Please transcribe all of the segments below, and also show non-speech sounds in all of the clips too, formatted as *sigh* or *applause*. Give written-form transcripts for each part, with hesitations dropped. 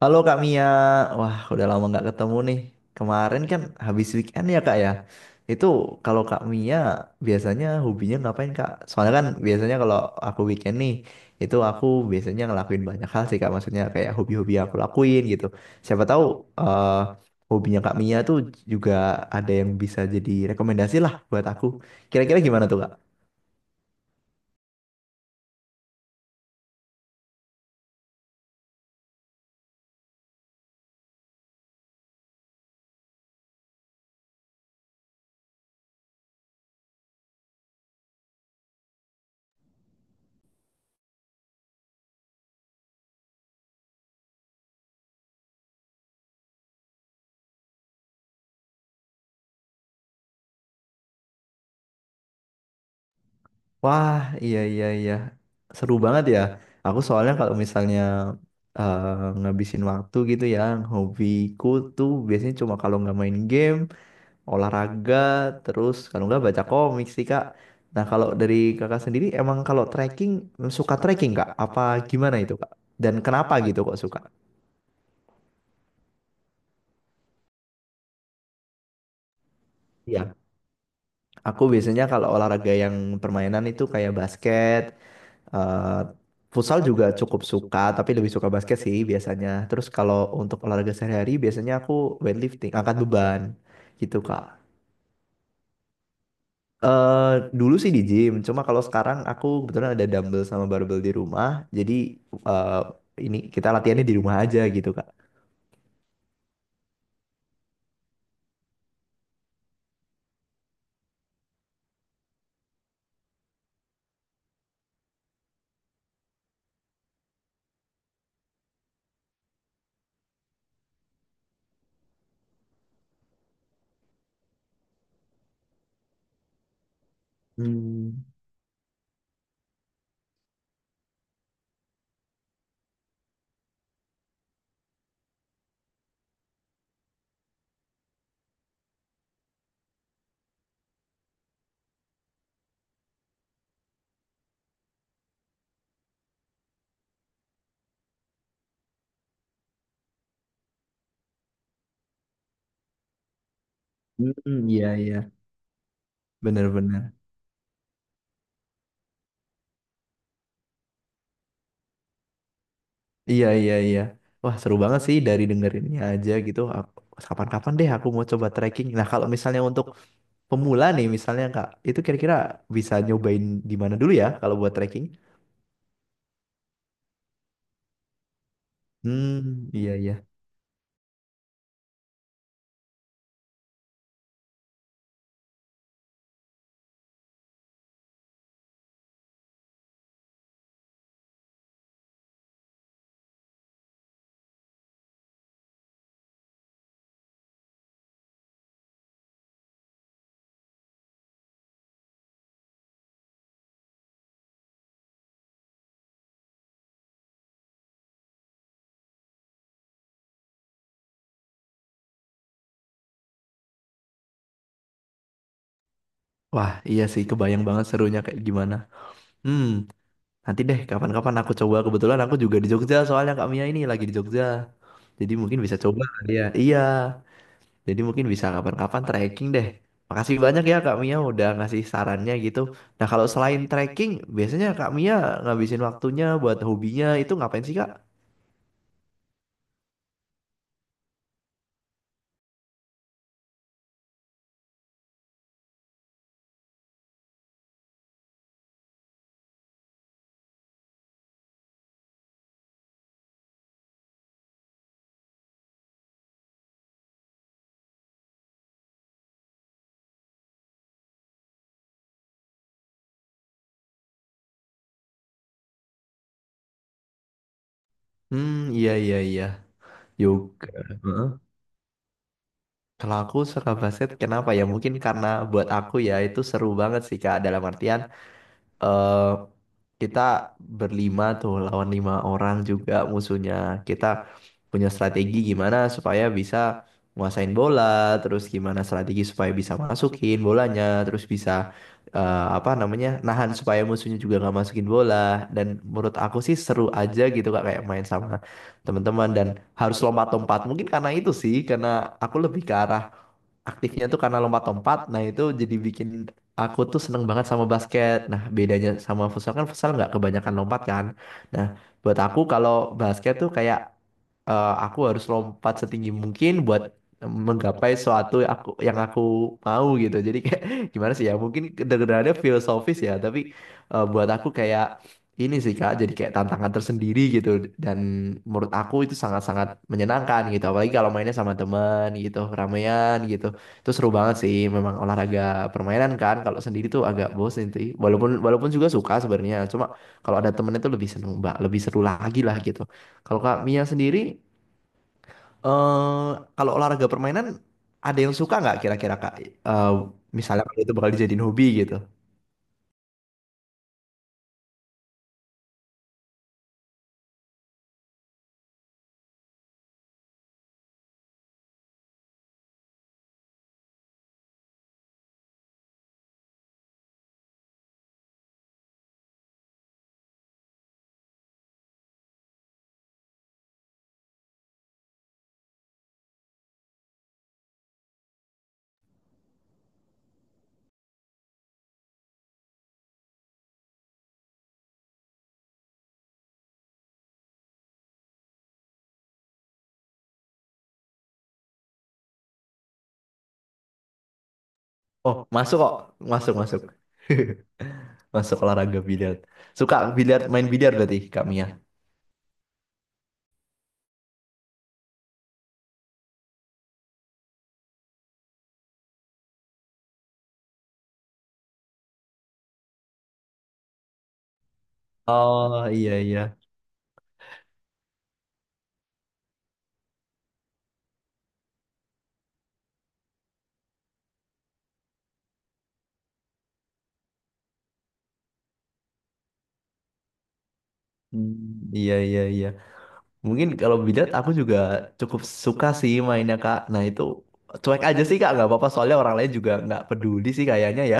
Halo Kak Mia, wah udah lama nggak ketemu nih. Kemarin kan habis weekend ya Kak ya. Itu kalau Kak Mia biasanya hobinya ngapain Kak? Soalnya kan biasanya kalau aku weekend nih, itu aku biasanya ngelakuin banyak hal sih Kak. Maksudnya kayak hobi-hobi yang aku lakuin gitu. Siapa tahu eh hobinya Kak Mia tuh juga ada yang bisa jadi rekomendasi lah buat aku. Kira-kira gimana tuh Kak? Wah, iya iya iya. Seru banget ya. Aku soalnya kalau misalnya ngabisin waktu gitu ya, hobiku tuh biasanya cuma kalau nggak main game, olahraga, terus kalau nggak baca komik sih Kak. Nah, kalau dari Kakak sendiri emang kalau trekking suka trekking Kak? Apa gimana itu Kak? Dan kenapa gitu kok suka? Iya. Aku biasanya kalau olahraga yang permainan itu kayak basket. Eh, Futsal juga cukup suka, tapi lebih suka basket sih biasanya. Terus kalau untuk olahraga sehari-hari, biasanya aku weightlifting, angkat beban gitu, Kak. eh dulu sih di gym, cuma kalau sekarang aku kebetulan ada dumbbell sama barbell di rumah, jadi eh ini kita latihannya di rumah aja gitu, Kak. Hmm, hmm, iya iya. Bener-bener. Iya, iya, iya. Wah, seru banget sih dari dengerinnya aja gitu. Aku. Kapan-kapan deh aku mau coba trekking. Nah, kalau misalnya untuk pemula nih misalnya Kak, itu kira-kira bisa nyobain di mana dulu ya kalau buat trekking? Hmm, iya iya. Wah, iya sih kebayang banget serunya kayak gimana. Hmm, nanti deh kapan-kapan aku coba. Kebetulan aku juga di Jogja soalnya Kak Mia ini lagi di Jogja. Jadi mungkin bisa coba kali ya. Iya. Jadi mungkin bisa kapan-kapan trekking deh. Makasih banyak ya Kak Mia udah ngasih sarannya gitu. Nah, kalau selain trekking, biasanya Kak Mia ngabisin waktunya buat hobinya itu ngapain sih Kak? Hmm, iya iya iya. Yoga. Kalau aku suka basket, kenapa ya? Mungkin karena buat aku ya itu seru banget sih Kak. Dalam artian eh kita berlima tuh lawan 5 orang juga musuhnya. Kita punya strategi gimana supaya bisa nguasain bola, terus gimana strategi supaya bisa masukin bolanya, terus bisa apa namanya nahan supaya musuhnya juga nggak masukin bola. Dan menurut aku sih seru aja gitu Kak kayak main sama teman-teman dan harus lompat-lompat. Mungkin karena itu sih, karena aku lebih ke arah aktifnya tuh karena lompat-lompat. Nah itu jadi bikin aku tuh seneng banget sama basket. Nah bedanya sama futsal kan futsal nggak kebanyakan lompat kan. Nah buat aku kalau basket tuh kayak aku harus lompat setinggi mungkin buat menggapai suatu yang aku mau gitu. Jadi kayak *laughs* gimana sih ya? Mungkin kedengarannya filosofis ya, tapi buat aku kayak ini sih Kak, jadi kayak tantangan tersendiri gitu dan menurut aku itu sangat-sangat menyenangkan gitu. Apalagi kalau mainnya sama teman gitu, ramean gitu. Itu seru banget sih memang olahraga permainan kan. Kalau sendiri tuh agak bosen sih. Walaupun walaupun juga suka sebenarnya, cuma kalau ada temen itu lebih seneng, Mbak, lebih seru lagi lah gitu. Kalau Kak Mia sendiri eh kalau olahraga permainan ada yang suka nggak kira-kira Kak? Eh Misalnya kalau itu bakal dijadiin hobi gitu. Oh, masuk kok. Masuk, masuk. *laughs* Masuk olahraga biliar. Suka biliar, main biliar berarti Kak Mia. Oh, iya iya. Hmm, iya iya iya. Mungkin kalau Bidat aku juga cukup suka sih mainnya Kak. Nah itu cuek aja sih Kak, nggak apa-apa soalnya orang lain juga nggak peduli sih kayaknya ya.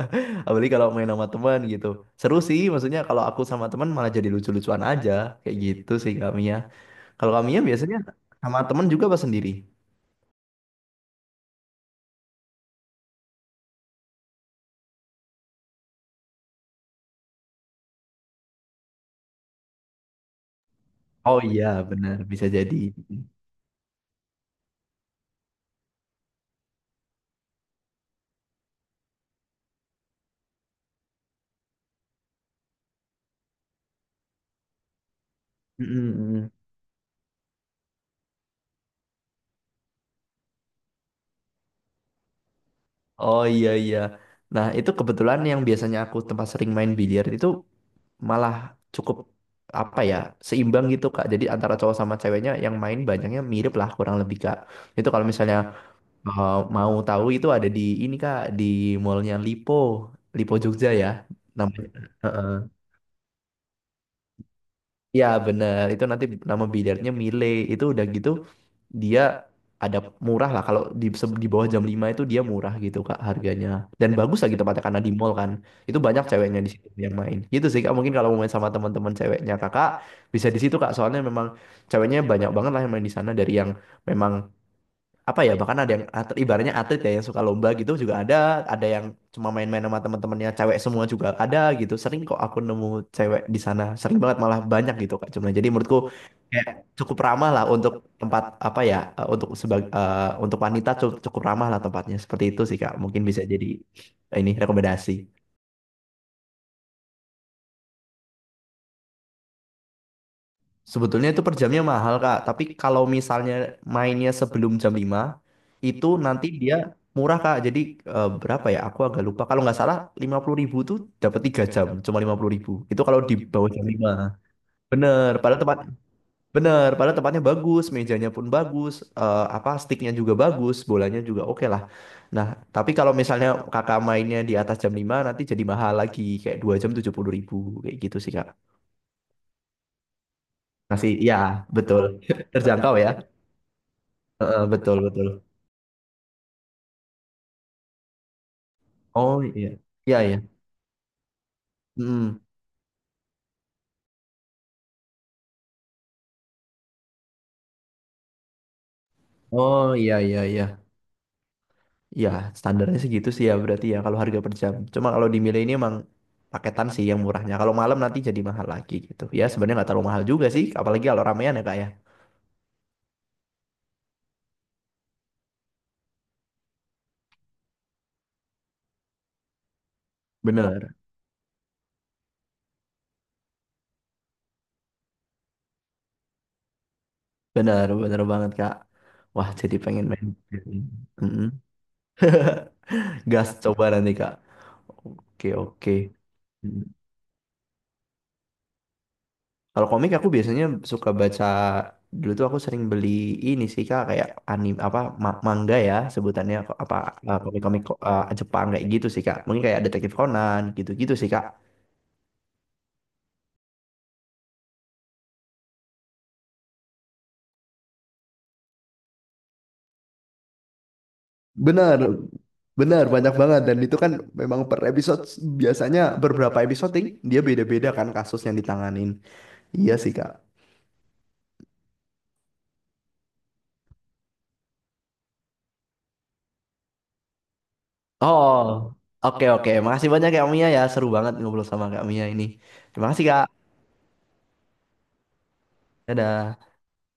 *laughs* Apalagi kalau main sama teman gitu. Seru sih, maksudnya kalau aku sama teman malah jadi lucu-lucuan aja. Kayak gitu sih Kak Mia. Kalau Kak Mia biasanya sama teman juga apa sendiri? Oh iya benar, bisa jadi. Mm, mm, mm. Oh iya iya. Nah itu kebetulan yang biasanya aku tempat sering main biliar itu malah cukup apa ya seimbang gitu Kak. Jadi antara cowok sama ceweknya yang main banyaknya mirip lah kurang lebih Kak. Itu kalau misalnya mau tahu itu ada di ini Kak di mallnya Lipo, Lipo Jogja ya namanya. Heeh. Iya bener itu nanti nama billiardnya Mile itu udah gitu dia ada murah lah kalau di di bawah jam 5 itu dia murah gitu Kak harganya. Dan bagus lagi tempatnya karena di mall kan. Itu banyak ceweknya di situ yang main. Gitu sih Kak, mungkin kalau mau main sama teman-teman ceweknya Kakak bisa di situ Kak. Soalnya memang ceweknya banyak banget lah yang main di sana dari yang memang apa ya bahkan ada yang atlet, ibaratnya atlet ya yang suka lomba gitu juga ada yang cuma main-main sama teman-temannya cewek semua juga ada gitu, sering kok aku nemu cewek di sana sering banget malah banyak gitu kak. Cuma jadi menurutku kayak cukup ramah lah untuk tempat apa ya, untuk sebagai untuk wanita cukup ramah lah tempatnya seperti itu sih kak, mungkin bisa jadi ini rekomendasi. Sebetulnya itu per jamnya mahal, Kak. Tapi kalau misalnya mainnya sebelum jam 5, itu nanti dia murah, Kak. Jadi berapa ya? Aku agak lupa. Kalau nggak salah 50.000 tuh dapat 3 jam, cuma 50.000. Itu kalau di bawah jam 5. Bener, padahal tempat bener, padahal tempatnya bagus, mejanya pun bagus, apa sticknya juga bagus, bolanya juga oke lah. Nah, tapi kalau misalnya kakak mainnya di atas jam 5, nanti jadi mahal lagi, kayak 2 jam 70.000, kayak gitu sih, Kak. Masih, ya, betul. *laughs* Terjangkau ya. Heeh, betul betul. Oh iya, iya iya. Mm. Oh iya iya iya. Iya standarnya segitu sih ya berarti ya kalau harga per jam. Cuma kalau di Mile ini emang paketan sih yang murahnya. Kalau malam nanti jadi mahal lagi gitu. Ya sebenarnya nggak terlalu mahal juga sih, apalagi kalau ramean ya kak ya. Bener, bener, bener banget kak. Wah jadi pengen main. Mm-mm. *laughs* Gas coba nanti kak. Oke oke. Hmm. Kalau komik aku biasanya suka baca, dulu tuh aku sering beli ini sih Kak kayak manga ya sebutannya, komik-komik Jepang kayak gitu sih Kak. Mungkin kayak Detektif Conan gitu-gitu sih Kak. Benar, benar banyak banget dan itu kan memang per episode biasanya beberapa episode dia beda-beda kan kasus yang ditanganin. Iya sih Kak. Oh, oke oke. Makasih banyak Kak Mia ya. Seru banget ngobrol sama Kak Mia ini. Terima kasih Kak. Dadah.